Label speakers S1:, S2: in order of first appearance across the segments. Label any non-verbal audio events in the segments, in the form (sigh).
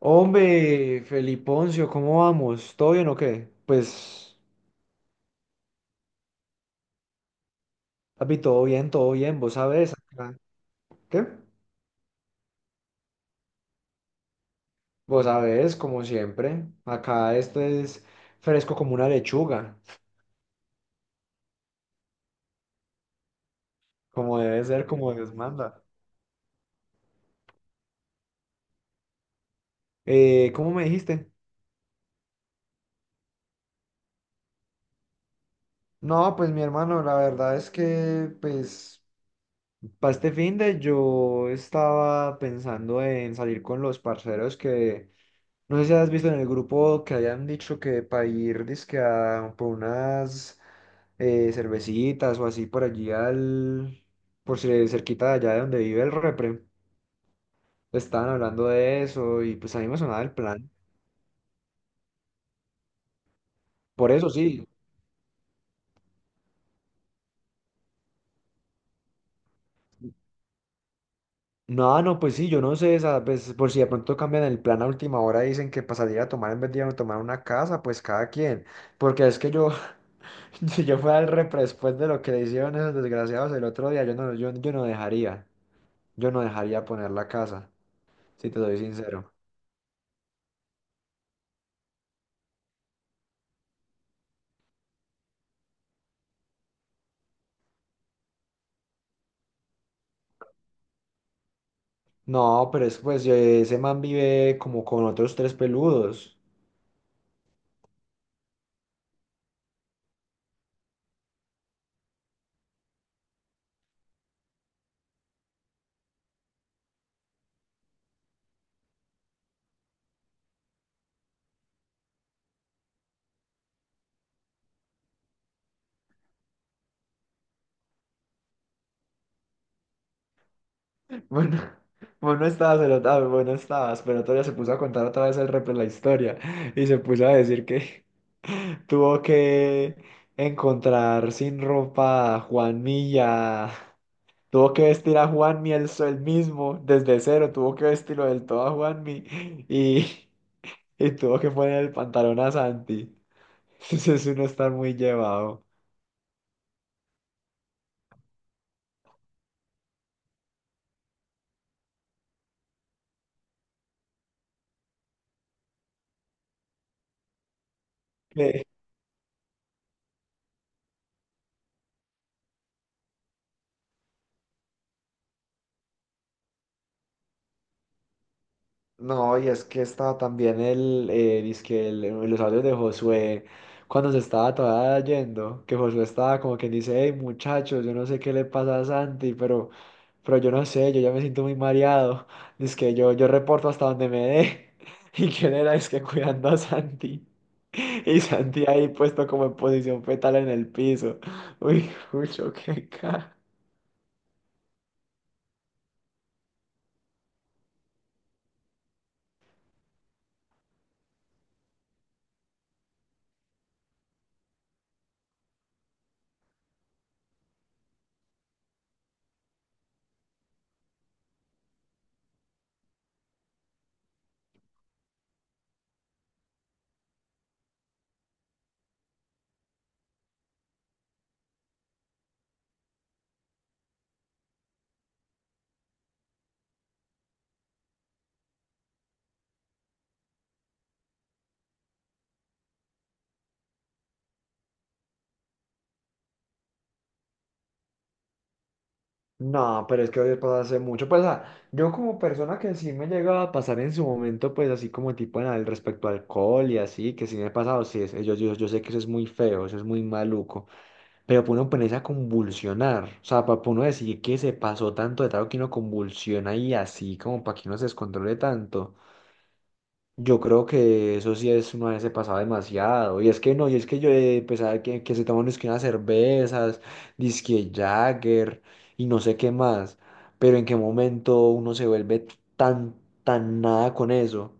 S1: Hombre, Feliponcio, ¿cómo vamos? ¿Todo bien o qué? Pues, papi, todo bien, vos sabés acá. ¿Qué? Vos sabés, como siempre, acá esto es fresco como una lechuga, como debe ser, como Dios manda. ¿Cómo me dijiste? No, pues mi hermano, la verdad es que, pues, para este finde yo estaba pensando en salir con los parceros que, no sé si has visto en el grupo que hayan dicho que para ir, dizque por unas cervecitas o así por allí al, por si cerquita de allá de donde vive el repre. Estaban hablando de eso y pues a mí me sonaba el plan. Por eso sí. No, no, pues sí, yo no sé, esa, pues, por si de pronto cambian el plan a última hora y dicen que para salir a tomar en vez de ir a tomar una casa, pues cada quien. Porque es que yo, (laughs) si yo fuera el repre después de lo que le hicieron esos desgraciados el otro día, yo no, yo, no dejaría, yo no dejaría poner la casa, si te soy sincero. No, pero es pues ese man vive como con otros tres peludos. Bueno, (laughs) vos no estabas, vos no estabas, pero otro día se puso a contar otra vez el repre la historia (laughs) y se puso a decir que (laughs) tuvo que encontrar sin ropa a Juan Milla, (laughs) tuvo que vestir a Juanmi él, él mismo desde cero, tuvo que vestirlo del todo a Juanmi (laughs) y, y tuvo que poner el pantalón a Santi. (laughs) Entonces uno está muy llevado. No, y es que estaba también el, dizque en los audios de Josué, cuando se estaba todavía yendo, que Josué estaba como que dice, hey muchachos, yo no sé qué le pasa a Santi, pero yo no sé, yo ya me siento muy mareado, (laughs) que yo reporto hasta donde me dé, (laughs) y que él era, que cuidando a Santi, (laughs) y Santi ahí puesto como en posición fetal en el piso, uy, (laughs) mucho qué cara. No, pero es que hoy pasa hace mucho. Pues, yo como persona que sí me llega a pasar en su momento, pues así como tipo en el respecto al alcohol y así, que sí me ha pasado, sí, yo, yo sé que eso es muy feo, eso es muy maluco, pero para uno ponerse a convulsionar, o sea, para uno decir que se pasó tanto de trago que uno convulsiona y así, como para que uno se descontrole tanto. Yo creo que eso sí es una vez se pasaba demasiado. Y es que no, y es que yo pues, que, se toman es que unas cervezas, disque Jagger y no sé qué más. Pero en qué momento uno se vuelve tan, tan nada con eso.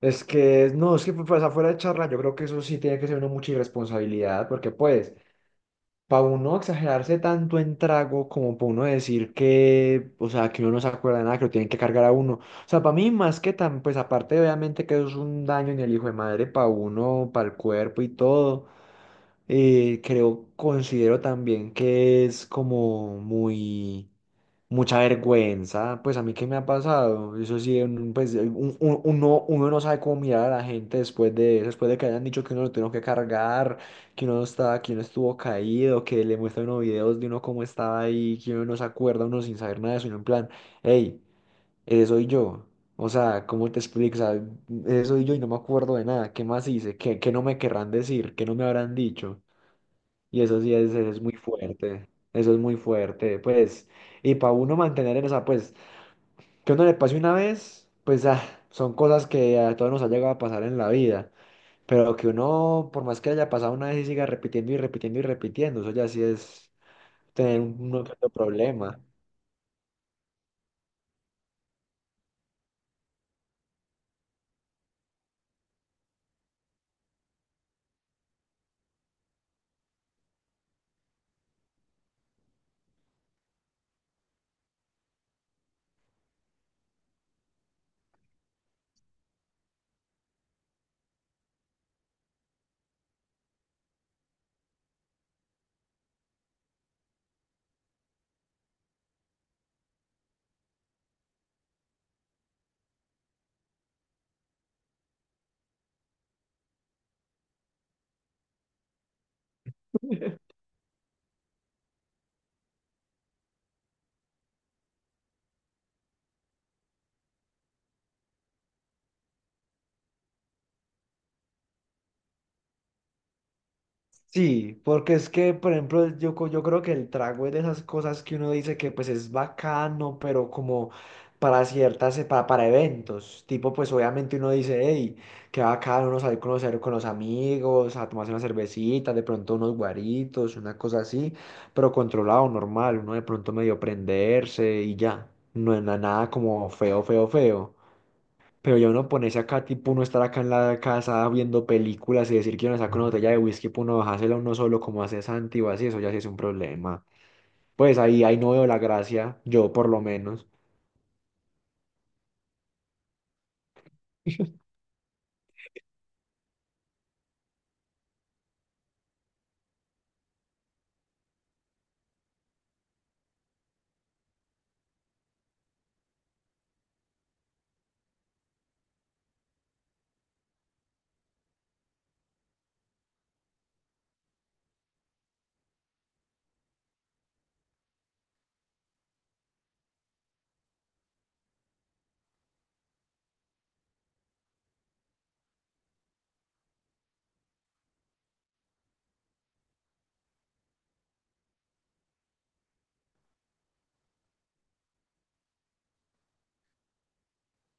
S1: Es que, no, es que pues afuera de charla, yo creo que eso sí tiene que ser una mucha irresponsabilidad, porque pues, para uno exagerarse tanto en trago como para uno decir que, o sea, que uno no se acuerda de nada, que lo tienen que cargar a uno. O sea, para mí más que tan, pues aparte obviamente que eso es un daño en el hijo de madre para uno, para el cuerpo y todo, creo, considero también que es como muy mucha vergüenza, pues a mí qué me ha pasado, eso sí, pues uno, uno no sabe cómo mirar a la gente después de que hayan dicho que uno lo tuvo que cargar, que uno estaba, que uno estuvo caído, que le muestran unos videos de uno cómo estaba ahí, que uno no se acuerda, uno sin saber nada de eso, uno en plan, hey, ese soy yo, o sea, ¿cómo te explico? O sea, ese soy yo y no me acuerdo de nada, ¿qué más hice? ¿Qué, qué no me querrán decir? ¿Qué no me habrán dicho? Y eso sí es muy fuerte, eso es muy fuerte, pues, y para uno mantener en esa, pues, que uno le pase una vez, pues, son cosas que a todos nos ha llegado a pasar en la vida, pero que uno, por más que haya pasado una vez y siga repitiendo y repitiendo y repitiendo, eso ya sí es tener un otro problema. Sí, porque es que, por ejemplo, yo, yo creo que el trago es de esas cosas que uno dice que pues es bacano, pero como para ciertas, para eventos, tipo pues obviamente uno dice, hey, qué bacano uno salir a conocer con los amigos, a tomarse una cervecita, de pronto unos guaritos, una cosa así, pero controlado, normal, uno de pronto medio prenderse y ya, no es nada como feo, feo, feo. Pero ya uno ponerse acá, tipo uno estar acá en la casa viendo películas y decir que uno saca una botella de whisky para uno bajársela uno solo como hace Santi o así, eso ya sí es un problema. Pues ahí, ahí no veo la gracia, yo por lo menos.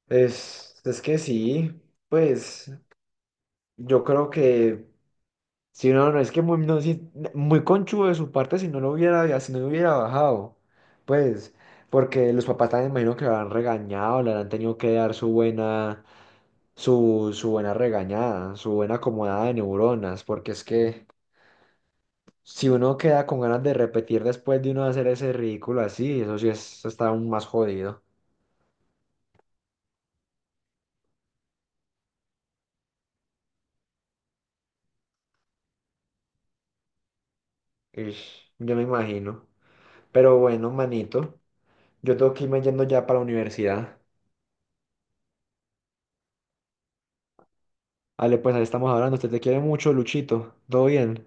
S1: Es que sí, pues yo creo que si no, no es que muy, no, sí, muy conchudo de su parte si no lo hubiera, si no lo hubiera bajado, pues porque los papás también imagino que lo han regañado, le han tenido que dar su buena su, su buena regañada, su buena acomodada de neuronas, porque es que si uno queda con ganas de repetir después de uno hacer ese ridículo así, eso sí es, eso está aún más jodido. Ish, yo me imagino. Pero bueno, manito, yo tengo que irme yendo ya para la universidad. Vale, pues ahí estamos hablando. Usted te quiere mucho, Luchito. ¿Todo bien?